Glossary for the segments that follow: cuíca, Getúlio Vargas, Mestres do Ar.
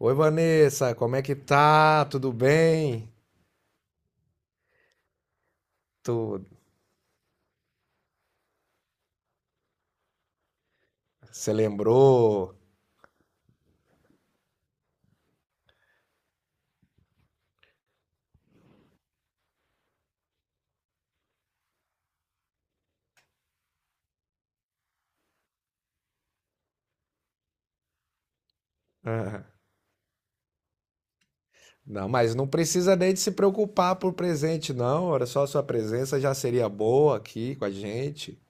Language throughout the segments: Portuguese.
Oi, Vanessa, como é que tá? Tudo bem? Tudo. Você lembrou? Ah, Não, mas não precisa nem de se preocupar por presente, não. Olha só, a sua presença já seria boa aqui com a gente.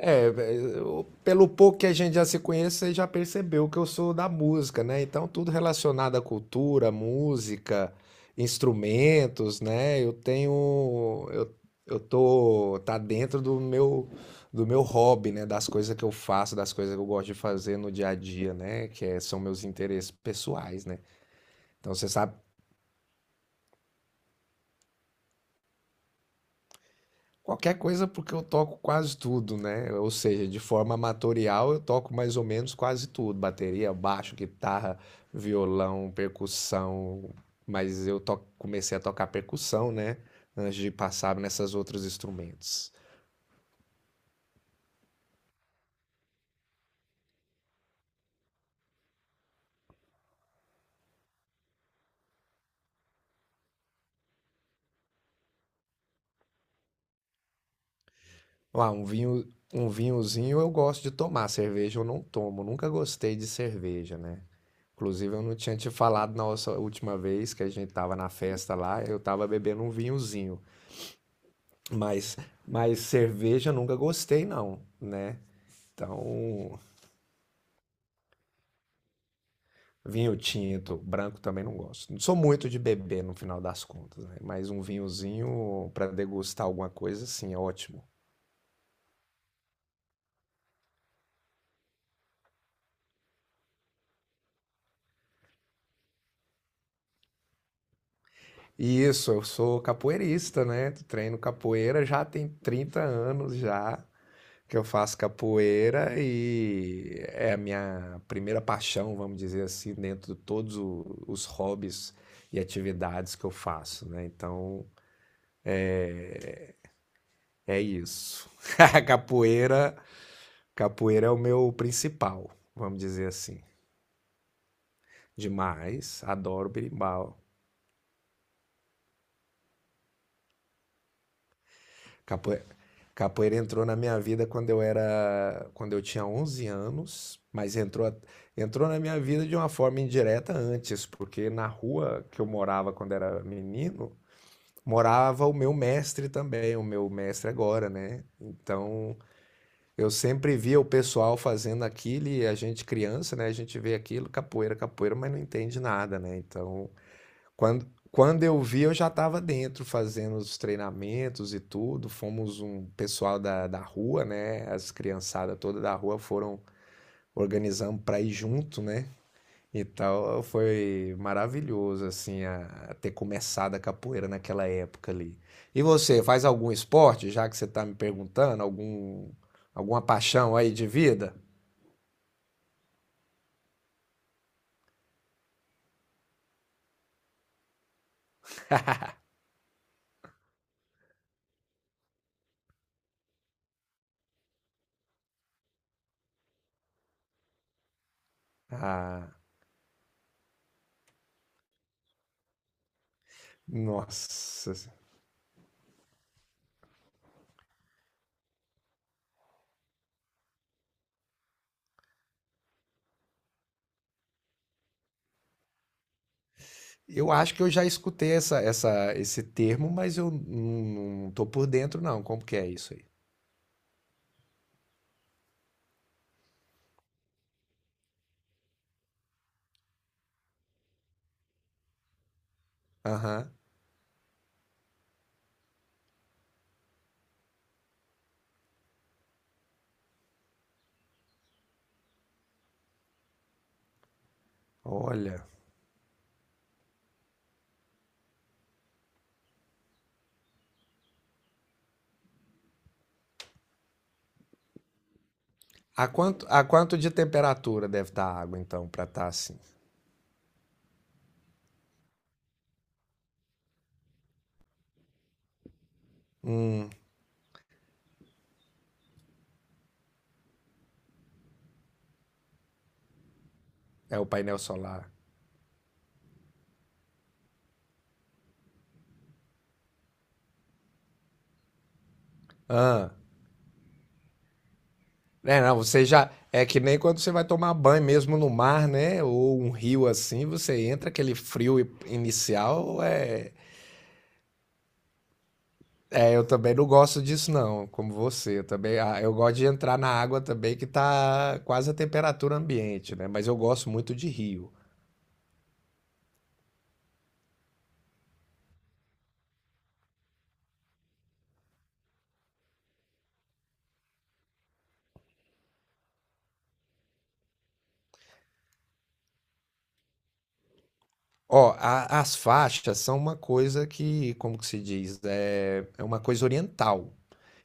É, pelo pouco que a gente já se conhece, você já percebeu que eu sou da música, né? Então, tudo relacionado à cultura, música, instrumentos, né? Eu tô, tá dentro do meu hobby, né? Das coisas que eu faço, das coisas que eu gosto de fazer no dia a dia, né? São meus interesses pessoais, né? Então, você sabe, qualquer coisa, porque eu toco quase tudo, né? Ou seja, de forma amatorial eu toco mais ou menos quase tudo: bateria, baixo, guitarra, violão, percussão. Mas comecei a tocar percussão, né? Antes de passar nessas outros instrumentos. Ah, um vinho, um vinhozinho eu gosto de tomar, cerveja eu não tomo. Nunca gostei de cerveja, né? Inclusive eu não tinha te falado na nossa última vez que a gente tava na festa lá, eu tava bebendo um vinhozinho. Mas, mas cerveja nunca gostei, não, né? Então, vinho tinto, branco também não gosto. Não sou muito de beber no final das contas, né? Mas um vinhozinho para degustar alguma coisa, sim, é ótimo. E isso, eu sou capoeirista, né? Treino capoeira já tem 30 anos já que eu faço capoeira e é a minha primeira paixão, vamos dizer assim, dentro de todos os hobbies e atividades que eu faço, né? Então, é isso. A Capoeira, capoeira é o meu principal, vamos dizer assim. Demais, adoro berimbau. Capoeira, capoeira entrou na minha vida quando eu era, quando eu tinha 11 anos, mas entrou, entrou na minha vida de uma forma indireta antes, porque na rua que eu morava quando era menino, morava o meu mestre também, o meu mestre agora, né? Então, eu sempre via o pessoal fazendo aquilo e a gente criança, né? A gente vê aquilo, capoeira, capoeira, mas não entende nada, né? Então, quando, quando eu vi, eu já estava dentro fazendo os treinamentos e tudo. Fomos um pessoal da rua, né? As criançadas toda da rua foram organizando para ir junto, né? Então foi maravilhoso a ter começado a capoeira naquela época ali. E você faz algum esporte, já que você está me perguntando, algum, alguma paixão aí de vida? Ah, nossa. Eu acho que eu já escutei essa esse termo, mas eu não, não tô por dentro não. Como que é isso aí? Aham. Olha. A quanto, a quanto de temperatura deve estar a água então para estar assim? Hum, é o painel solar. Ah. É, não, você já. É que nem quando você vai tomar banho mesmo no mar, né? Ou um rio assim, você entra aquele frio inicial. É, eu também não gosto disso, não, como você. Eu também, ah, eu gosto de entrar na água também, que tá quase a temperatura ambiente, né? Mas eu gosto muito de rio. Ó, as faixas são uma coisa que, como que se diz? É, é uma coisa oriental,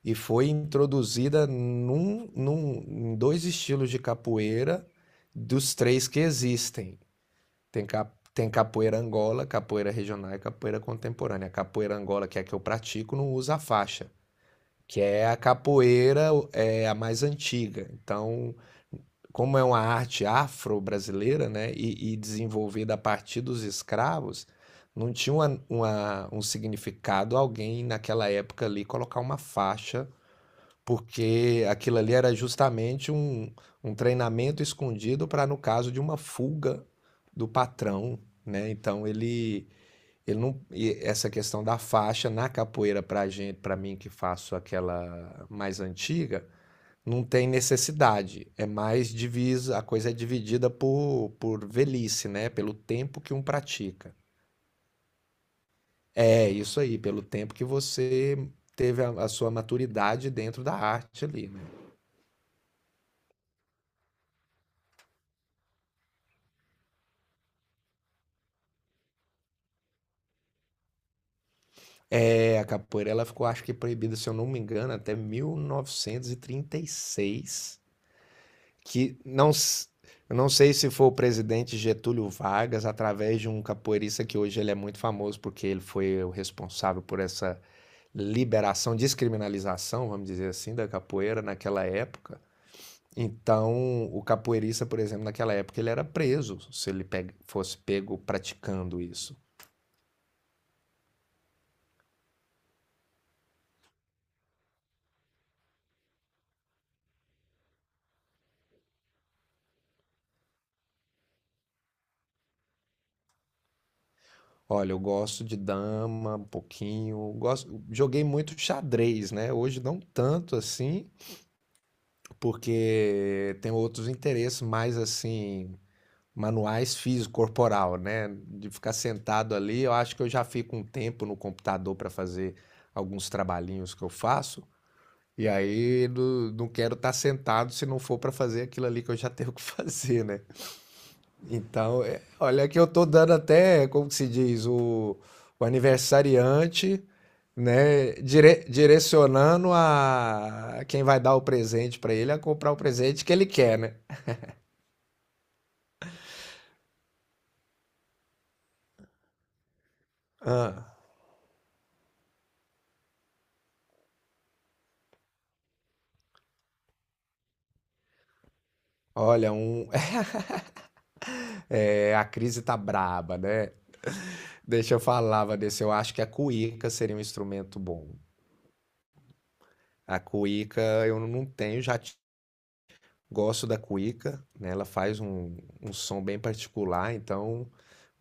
e foi introduzida em dois estilos de capoeira dos três que existem. Tem capoeira angola, capoeira regional e capoeira contemporânea. A capoeira angola, que é a que eu pratico, não usa faixa, que é a capoeira é a mais antiga. Então, como é uma arte afro-brasileira, né, e desenvolvida a partir dos escravos, não tinha um significado alguém naquela época ali colocar uma faixa, porque aquilo ali era justamente um treinamento escondido para, no caso de uma fuga do patrão, né? Então ele não, e essa questão da faixa na capoeira para gente, para mim que faço aquela mais antiga, não tem necessidade. É mais divisa, a coisa é dividida por velhice, né? Pelo tempo que um pratica. É isso aí, pelo tempo que você teve a sua maturidade dentro da arte ali, né? É, a capoeira ela ficou, acho que proibida, se eu não me engano, até 1936, que não, eu não sei se foi o presidente Getúlio Vargas, através de um capoeirista que hoje ele é muito famoso porque ele foi o responsável por essa liberação, descriminalização, vamos dizer assim, da capoeira naquela época. Então, o capoeirista, por exemplo, naquela época ele era preso se ele fosse pego praticando isso. Olha, eu gosto de dama um pouquinho, gosto, joguei muito xadrez, né? Hoje não tanto assim, porque tenho outros interesses mais assim, manuais físico corporal, né? De ficar sentado ali, eu acho que eu já fico um tempo no computador para fazer alguns trabalhinhos que eu faço, e aí não quero estar sentado se não for para fazer aquilo ali que eu já tenho que fazer, né? Então, olha que eu tô dando até, como que se diz, o aniversariante, né, direcionando a quem vai dar o presente para ele a comprar o presente que ele quer, né? Ah, olha, um, é, a crise tá braba, né? Deixa eu falar, Vanessa, eu acho que a cuíca seria um instrumento bom. A cuíca eu não tenho, já gosto da cuíca, né? Ela faz um som bem particular, então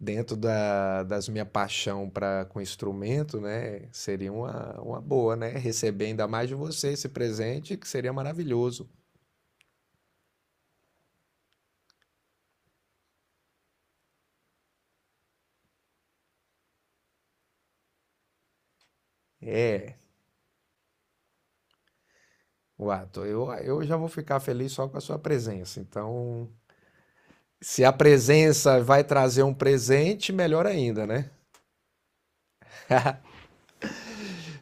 dentro das minha paixão para com instrumento, né? Seria uma boa, né? Receber ainda mais de você esse presente, que seria maravilhoso. É, Wato, eu já vou ficar feliz só com a sua presença. Então, se a presença vai trazer um presente, melhor ainda, né?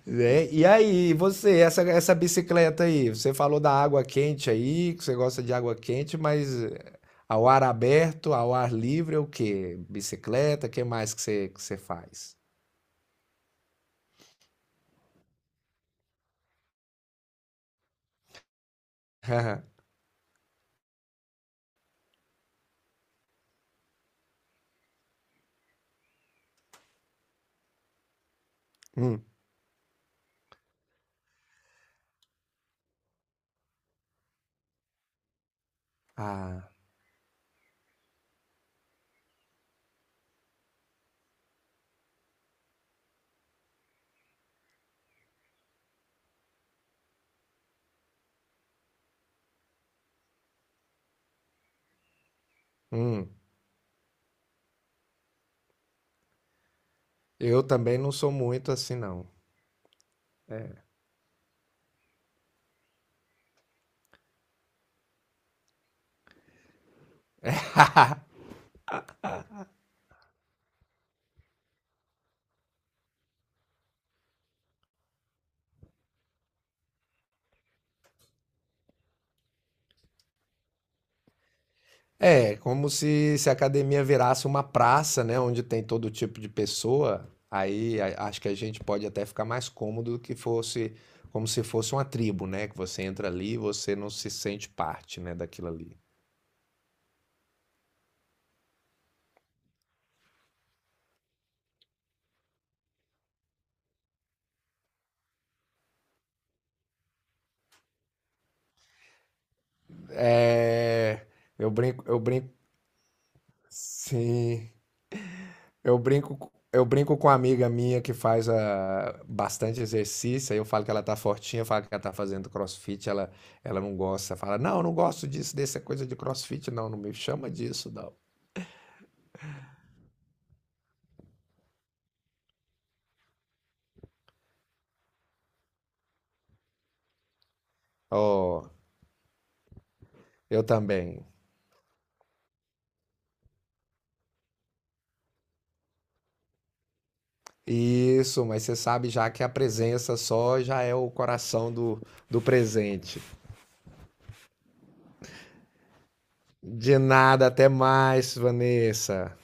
Né? E aí, você, essa bicicleta aí, você falou da água quente aí, que você gosta de água quente, mas ao ar aberto, ao ar livre, é o quê? Bicicleta, o que mais que você faz? Hum. Ah, hum. Eu também não sou muito assim, não. É, como se a academia virasse uma praça, né, onde tem todo tipo de pessoa. Aí acho que a gente pode até ficar mais cômodo do que fosse, como se fosse uma tribo, né? Que você entra ali e você não se sente parte, né, daquilo ali. É, eu brinco, sim. Eu brinco, eu brinco com uma amiga minha que faz ah, bastante exercício, aí eu falo que ela tá fortinha, eu falo que ela tá fazendo crossfit, ela não gosta, fala, não, eu não gosto disso, dessa coisa de crossfit, não, não me chama disso, não. Oh, eu também. Isso, mas você sabe já que a presença só já é o coração do, do presente. De nada, até mais, Vanessa.